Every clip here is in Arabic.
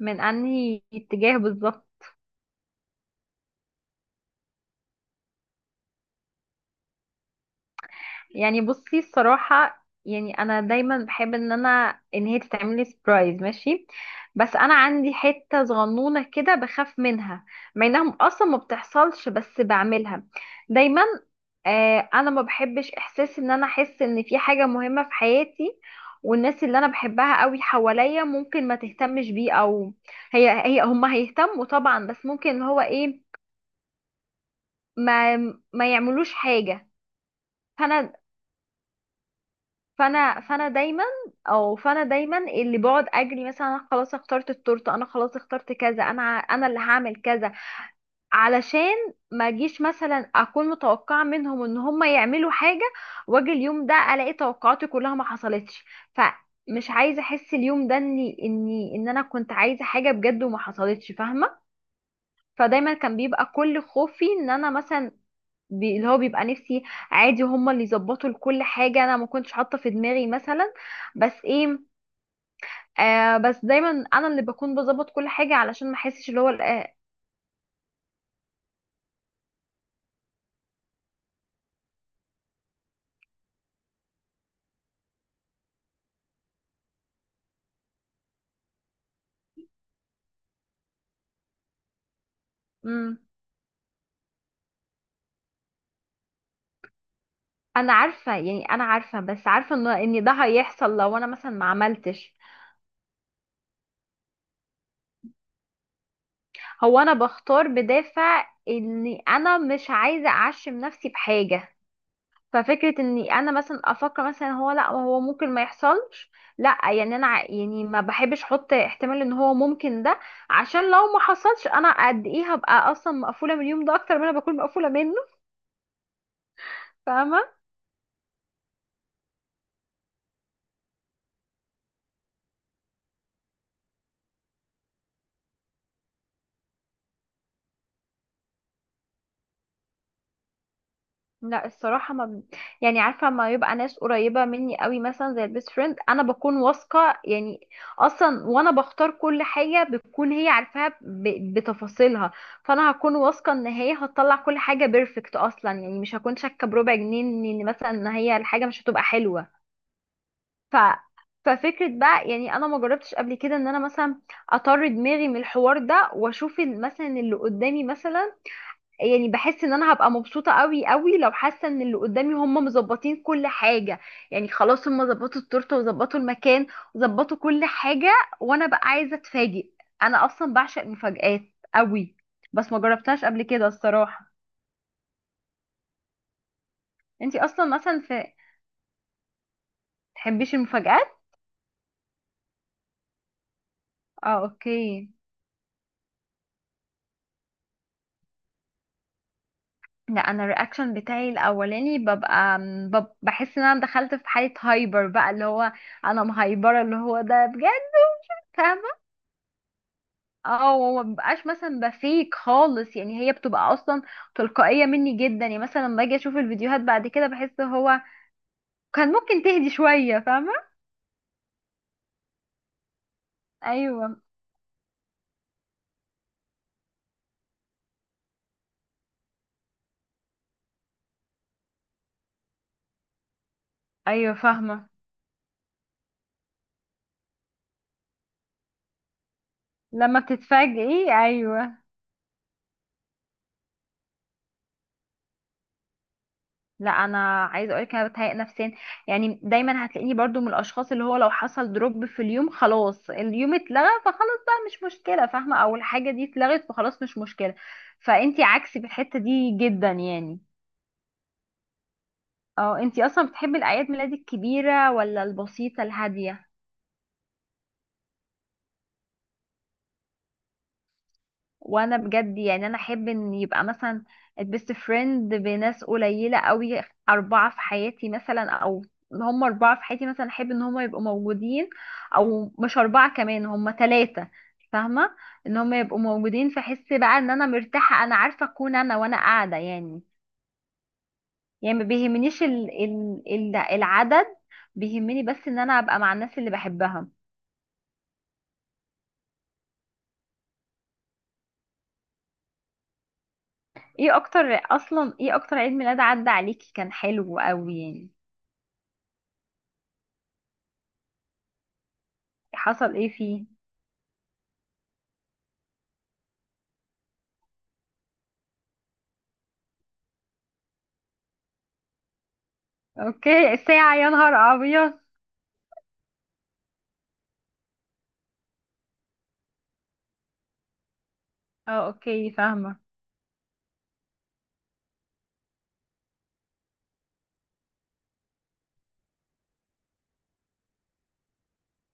من انهي اتجاه بالظبط؟ يعني بصي الصراحة يعني انا دايما بحب ان انا ان هي تتعمل لي سبرايز، ماشي. بس انا عندي حتة صغنونة كده بخاف منها، مع انها اصلا ما بتحصلش بس بعملها دايما. انا ما بحبش احساس ان انا احس ان في حاجة مهمة في حياتي والناس اللي انا بحبها قوي حواليا ممكن ما تهتمش بيه، او هي هم هيهتموا طبعا، بس ممكن اللي هو ايه، ما ما يعملوش حاجة. فانا فانا دايما، او فانا دايما اللي بقعد اجري، مثلا انا خلاص اخترت التورته، انا خلاص اخترت كذا، انا اللي هعمل كذا علشان ما اجيش مثلا اكون متوقعه منهم ان هم يعملوا حاجه، واجي اليوم ده الاقي توقعاتي كلها ما حصلتش. فمش عايزه احس اليوم ده اني اني ان انا كنت عايزه حاجه بجد وما حصلتش، فاهمه. فدايما كان بيبقى كل خوفي ان انا مثلا، اللي هو بيبقى نفسي عادي هما اللي يظبطوا لكل حاجة، انا ما كنتش حاطة في دماغي مثلا، بس ايه، بس دايما انا اللي بكون بظبط كل حاجة علشان ما احسش اللي هو مم. انا عارفة، يعني انا عارفة، بس عارفة ان ده هيحصل لو انا مثلا ما عملتش. هو انا بختار بدافع اني انا مش عايزة اعشم نفسي بحاجة، ففكرة اني انا مثلا افكر مثلا هو، لا هو ممكن ما يحصلش، لا يعني يعني ما بحبش احط احتمال ان هو ممكن ده، عشان لو ما حصلش انا قد ايه هبقى اصلا مقفولة من اليوم ده اكتر ما انا بكون مقفولة منه، فاهمة. لا الصراحة ما ب... يعني عارفة ما يبقى ناس قريبة مني قوي مثلا زي البيست فريند، انا بكون واثقة يعني اصلا، وانا بختار كل حاجة بتكون هي عارفاها بتفاصيلها، فانا هكون واثقة ان هي هتطلع كل حاجة بيرفكت اصلا، يعني مش هكون شاكة بربع جنيه ان مثلا ان هي الحاجة مش هتبقى حلوة. ف ففكرة بقى يعني انا ما جربتش قبل كده ان انا مثلا اطر دماغي من الحوار ده واشوف مثلا اللي قدامي مثلا. يعني بحس ان انا هبقى مبسوطه قوي قوي لو حاسه ان اللي قدامي هم مظبطين كل حاجه، يعني خلاص هم ظبطوا التورته وظبطوا المكان وظبطوا كل حاجه، وانا بقى عايزه اتفاجئ، انا اصلا بعشق المفاجآت قوي، بس ما جربتهاش قبل كده الصراحه. انتي اصلا مثلا في، تحبيش المفاجآت؟ اه، اوكي. لا انا الرياكشن بتاعي الاولاني ببقى بحس ان انا دخلت في حاله هايبر بقى، اللي هو انا مهايبره، اللي هو ده بجد. اه، ومبقاش مثلا بفيك خالص، يعني هي بتبقى اصلا تلقائية مني جدا، يعني مثلا لما باجي اشوف الفيديوهات بعد كده بحس هو كان ممكن تهدي شوية، فاهمة. ايوه ايوه، فاهمة. لما بتتفاجئي، ايوه. لا انا عايزه اقولك انا بتهيأ نفسيا، يعني دايما هتلاقيني برضو من الاشخاص اللي هو لو حصل دروب في اليوم خلاص، اليوم اتلغى فخلاص، بقى مش مشكله فاهمه، او الحاجه دي اتلغت فخلاص مش مشكله. فانتي عكسي في الحته دي جدا يعني. اه، انتي اصلا بتحبي الاعياد ميلاد الكبيره ولا البسيطه الهاديه؟ وانا بجد يعني انا احب ان يبقى مثلا البيست فريند، بناس قليله قوي، اربعه في حياتي مثلا، او هم اربعه في حياتي مثلا، احب ان هم يبقوا موجودين، او مش اربعه كمان، هم ثلاثه، فاهمه، ان هم يبقوا موجودين، فاحس بقى ان انا مرتاحه، انا عارفه اكون انا وانا قاعده يعني. يعني ما بيهمنيش العدد، بيهمني بس ان انا ابقى مع الناس اللي بحبها. ايه اكتر، اصلا ايه اكتر عيد ميلاد عدى عليكي كان حلو قوي يعني؟ حصل ايه فيه؟ اوكي، الساعة؟ يا نهار ابيض. اه اوكي، فاهمة.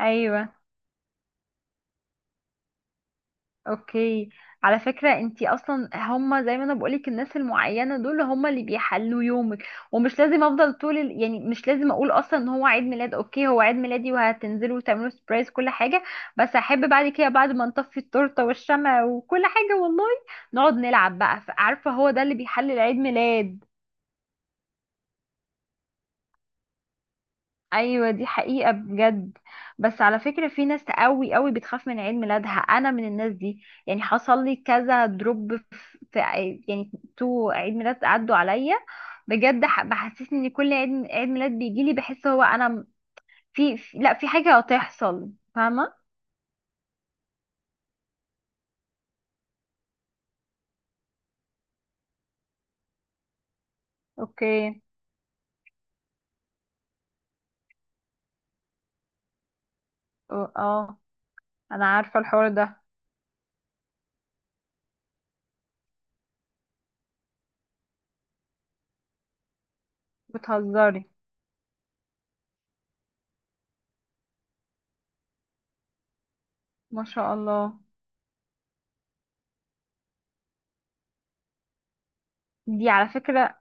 ايوه، اوكي. على فكرة انتي اصلا، هما زي ما انا بقولك الناس المعينة دول هما اللي بيحلوا يومك، ومش لازم افضل طول يعني مش لازم اقول اصلا ان هو عيد ميلاد، اوكي هو عيد ميلادي وهتنزلوا وتعملوا سبرايز كل حاجة، بس احب بعد كده بعد ما نطفي التورتة والشمع وكل حاجة والله نقعد نلعب بقى، عارفة هو ده اللي بيحل العيد ميلاد. ايوه دي حقيقة بجد. بس على فكرة في ناس قوي قوي بتخاف من عيد ميلادها، انا من الناس دي، يعني حصل لي كذا دروب في، يعني تو عيد ميلاد عدوا عليا بجد، بحسسني ان كل عيد ميلاد بيجي لي بحس هو انا م- في في- لا في حاجة هتحصل، فاهمة. اوكي. اه انا عارفة الحوار ده. بتهزري؟ ما شاء الله. دي على فكرة،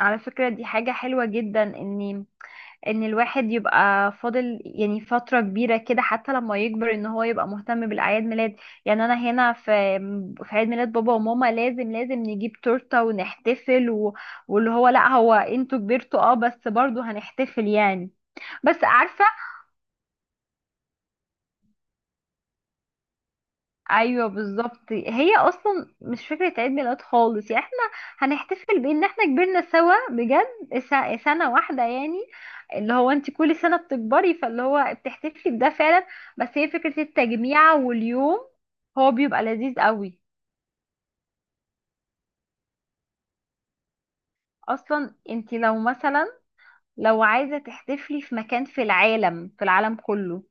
على فكرة دي حاجة حلوة جدا، اني ان الواحد يبقى فاضل يعني فترة كبيرة كده حتى لما يكبر، ان هو يبقى مهتم بالاعياد ميلاد. يعني انا هنا في، في عيد ميلاد بابا وماما لازم لازم نجيب تورتة ونحتفل واللي هو لا هو انتوا كبرتوا، اه بس برضو هنحتفل يعني. بس عارفة، ايوه بالظبط، هي اصلا مش فكره عيد ميلاد خالص، يعني احنا هنحتفل بان احنا كبرنا سوا بجد، سنه واحده يعني، اللي هو انت كل سنه بتكبري، فاللي هو بتحتفلي بده فعلا، بس هي فكره التجميع واليوم هو بيبقى لذيذ قوي. اصلا انت لو مثلا، لو عايزه تحتفلي في مكان في العالم، في العالم كله،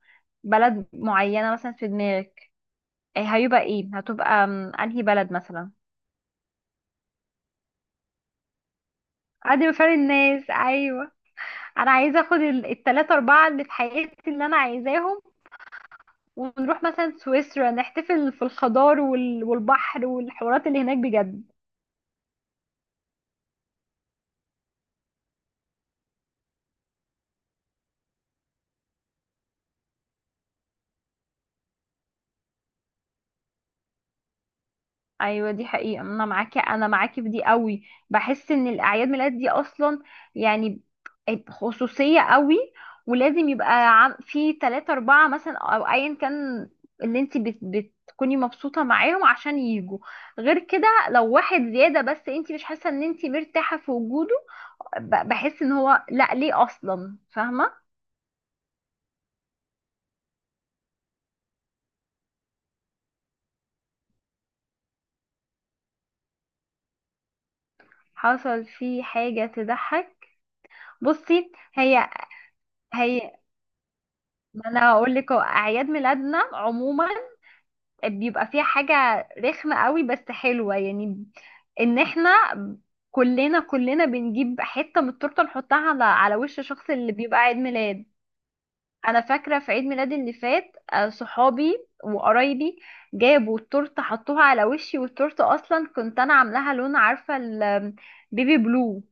بلد معينه مثلا في دماغك، هيبقى ايه؟ هتبقى انهي بلد مثلا؟ عادي بفرق الناس، أيوه. انا عايزه اخد التلاتة اربعة اللي في حياتي اللي انا عايزاهم، ونروح مثلا سويسرا، نحتفل في الخضار والبحر والحوارات اللي هناك بجد. ايوه دي حقيقه، انا معاكي، انا معاكي في دي قوي. بحس ان الاعياد ميلاد دي اصلا يعني خصوصيه قوي، ولازم يبقى في تلاتة اربعة مثلا او ايا كان، اللي انت بتكوني مبسوطه معاهم عشان يجوا، غير كده لو واحد زياده بس انت مش حاسه ان انت مرتاحه في وجوده، بحس ان هو لا ليه اصلا، فاهمه. حصل في حاجه تضحك؟ بصي هي، هي ما انا هقول لك، هو اعياد ميلادنا عموما بيبقى فيها حاجه رخمه قوي بس حلوه، يعني ان احنا كلنا، كلنا بنجيب حته من التورته نحطها على على وش الشخص اللي بيبقى عيد ميلاد. انا فاكره في عيد ميلادي اللي فات صحابي وقرايبي جابوا التورته حطوها على وشي، والتورته اصلا كنت انا عاملاها لون، عارفه البيبي بلو،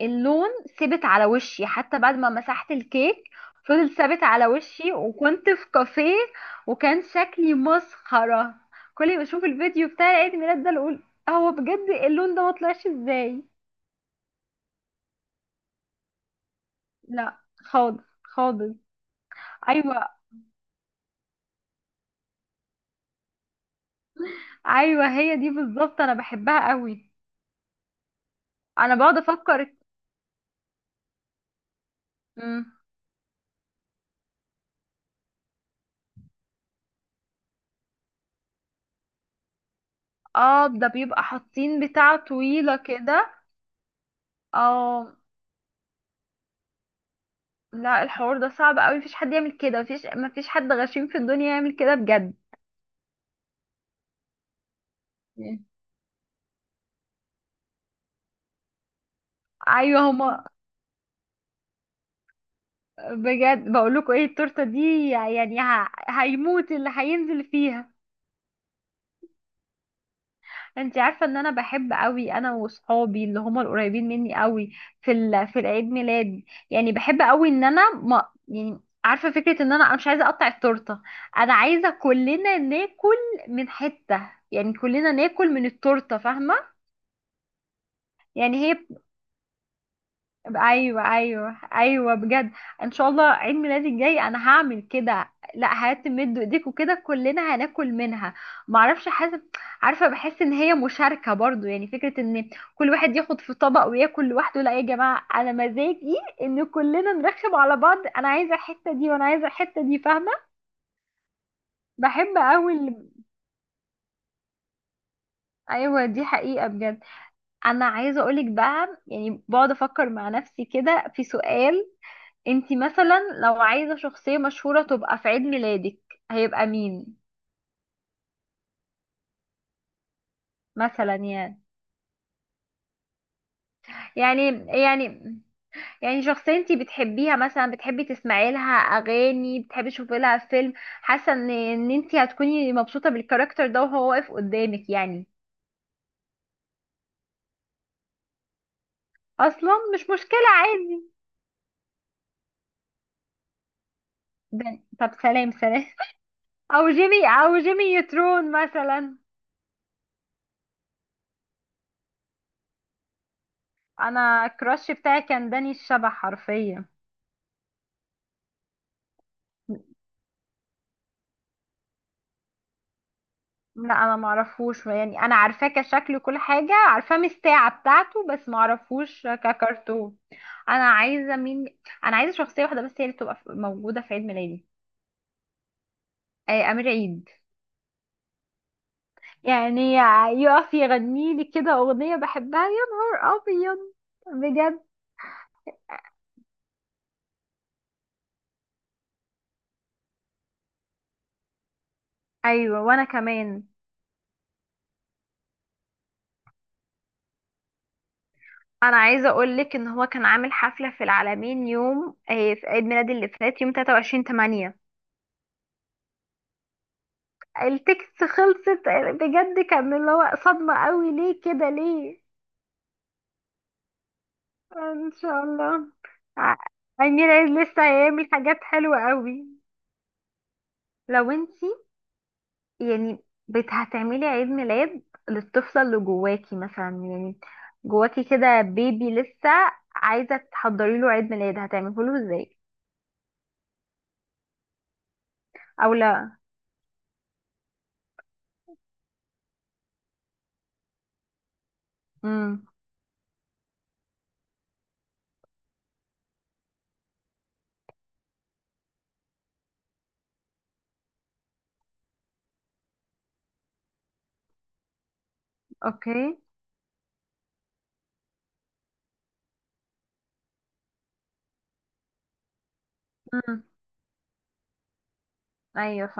اللون ثبت على وشي حتى بعد ما مسحت الكيك، فضل ثابت على وشي، وكنت في كافيه وكان شكلي مسخره. كل ما اشوف الفيديو بتاع عيد الميلاد ده اقول هو بجد اللون ده ما طلعش ازاي. لا، خالص خالص. ايوه ايوه، هي دي بالظبط انا بحبها قوي. انا بقعد افكر. مم. اه ده بيبقى حاطين بتاع طويلة كده. اه. لا الحوار ده صعب قوي، مفيش حد يعمل كده، مفيش، مفيش حد غشيم في الدنيا يعمل كده بجد. مم. ايوه هما، بجد بقول لكم ايه التورته دي، يعني هيموت اللي هينزل فيها. انت عارفه ان انا بحب قوي انا وصحابي اللي هم القريبين مني قوي في في العيد ميلاد، يعني بحب قوي ان انا ما، يعني عارفه فكره ان انا، أنا مش عايزه اقطع التورته، انا عايزه كلنا ناكل من حته، يعني كلنا ناكل من التورته فاهمه. يعني هي، ايوه ايوه ايوه بجد، ان شاء الله عيد ميلادي الجاي انا هعمل كده، لا هاتم مدوا ايديكوا كده كلنا هناكل منها. معرفش، حاسب. عارفه بحس ان هي مشاركه برضو، يعني فكره ان كل واحد ياخد في طبق وياكل لوحده، لا يا جماعه انا مزاجي ان كلنا نرخم على بعض، انا عايزه الحته دي وانا عايزه الحته دي، فاهمه. بحب قوي ايوه دي حقيقه بجد. انا عايزه اقولك بقى، يعني بقعد افكر مع نفسي كده في سؤال، انتي مثلا لو عايزة شخصية مشهورة تبقى في عيد ميلادك هيبقى مين؟ مثلا يعني يعني يعني شخصية انتي بتحبيها، مثلا بتحبي تسمعي لها اغاني، بتحبي تشوفي لها فيلم، حاسة ان انتي هتكوني مبسوطة بالكاركتر ده وهو واقف قدامك يعني. اصلا مش مشكلة عادي. طب سلام سلام. او جيمي، او جيمي نيوترون مثلا. انا الكراش بتاعي كان داني الشبح حرفيا. لا انا ما اعرفوش يعني، انا عارفاه كشكل كل حاجه، عارفاه من الساعه بتاعته، بس ما اعرفوش ككرتون. انا عايزه مين؟ انا عايزه شخصيه واحده بس هي اللي تبقى موجوده في عيد ميلادي، امير عيد، يعني يقف يغني لي كده اغنيه بحبها، يا نهار ابيض، بجد. ايوه وانا كمان. انا عايزه اقول لك ان هو كان عامل حفله في العالمين يوم في عيد ميلادي اللي فات يوم 23 8، التكست خلصت، بجد كان اللي هو صدمة قوي، ليه كده ليه؟ ان شاء الله. ع- امير عيد لسه هيعمل حاجات حلوة قوي. لو انتي يعني هتعملي عيد ميلاد للطفلة اللي جواكي مثلا، يعني جواكي كده بيبي لسه، عايزة تحضري له عيد ميلاد هتعمله له ازاي؟ او لا. امم. اوكي. امم. ايوه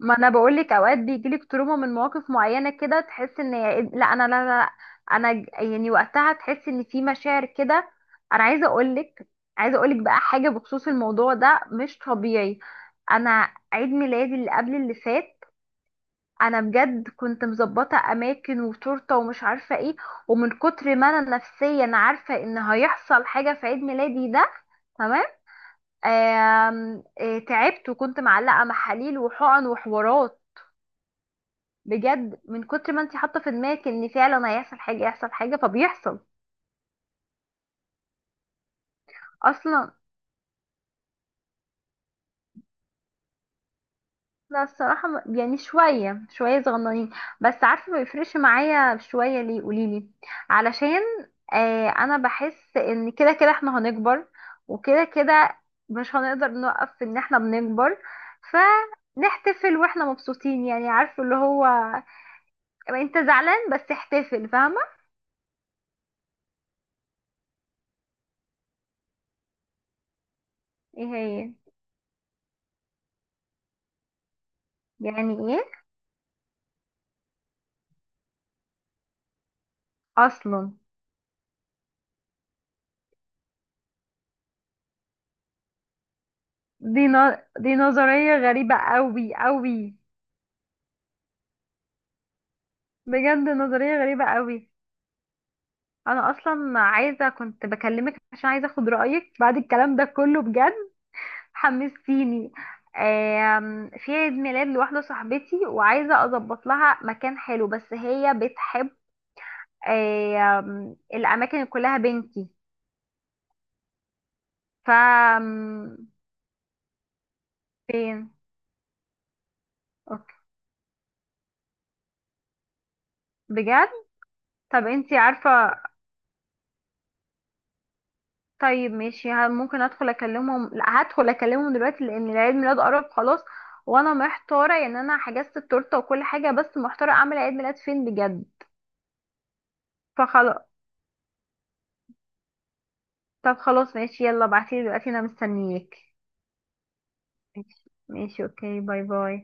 ما انا بقول لك، اوقات بيجيلك تروما من مواقف معينه كده تحس ان لا انا، لا لا لا، انا يعني وقتها تحس ان في مشاعر كده. انا عايزه اقول لك، عايزه اقول لك بقى حاجه بخصوص الموضوع ده مش طبيعي، انا عيد ميلادي اللي قبل اللي فات انا بجد كنت مظبطه اماكن وتورته ومش عارفه ايه، ومن كتر ما انا نفسيا عارفه ان هيحصل حاجه في عيد ميلادي ده، تمام، آم، آه، تعبت وكنت معلقه محاليل وحقن وحوارات، بجد من كتر ما انت حاطه في دماغك ان فعلا هيحصل حاجه يحصل حاجه فبيحصل. اصلا. لا الصراحه يعني شويه شويه صغننين، بس عارفه ما بيفرقش معايا شويه، ليه؟ قوليلي. علشان انا بحس ان كده كده احنا هنكبر، وكده كده مش هنقدر نوقف ان احنا بنكبر، فنحتفل واحنا مبسوطين، يعني عارفه اللي هو انت زعلان بس احتفل، فاهمه. ايه هي؟ يعني ايه؟ اصلا دي نظرية غريبة قوي قوي. بجد نظرية غريبة قوي. انا اصلا عايزة، كنت بكلمك عشان عايزة اخد رأيك بعد الكلام ده كله بجد، حمستيني. في عيد ميلاد لواحدة صاحبتي وعايزة اظبط لها مكان حلو، بس هي بتحب الاماكن اللي كلها بنكي. ف آم، فين؟ اوكي. بجد. طب انتي عارفة، طيب ماشي، ممكن ادخل اكلمهم، لا هدخل اكلمهم دلوقتي لان العيد ميلاد قرب خلاص، وانا محتاره، يعني انا حجزت التورته وكل حاجه، بس محتاره اعمل عيد ميلاد فين بجد، فخلاص. طب خلاص ماشي، يلا ابعتيلي دلوقتي، انا مستنياك. ماشي. ماشي، اوكي، باي باي.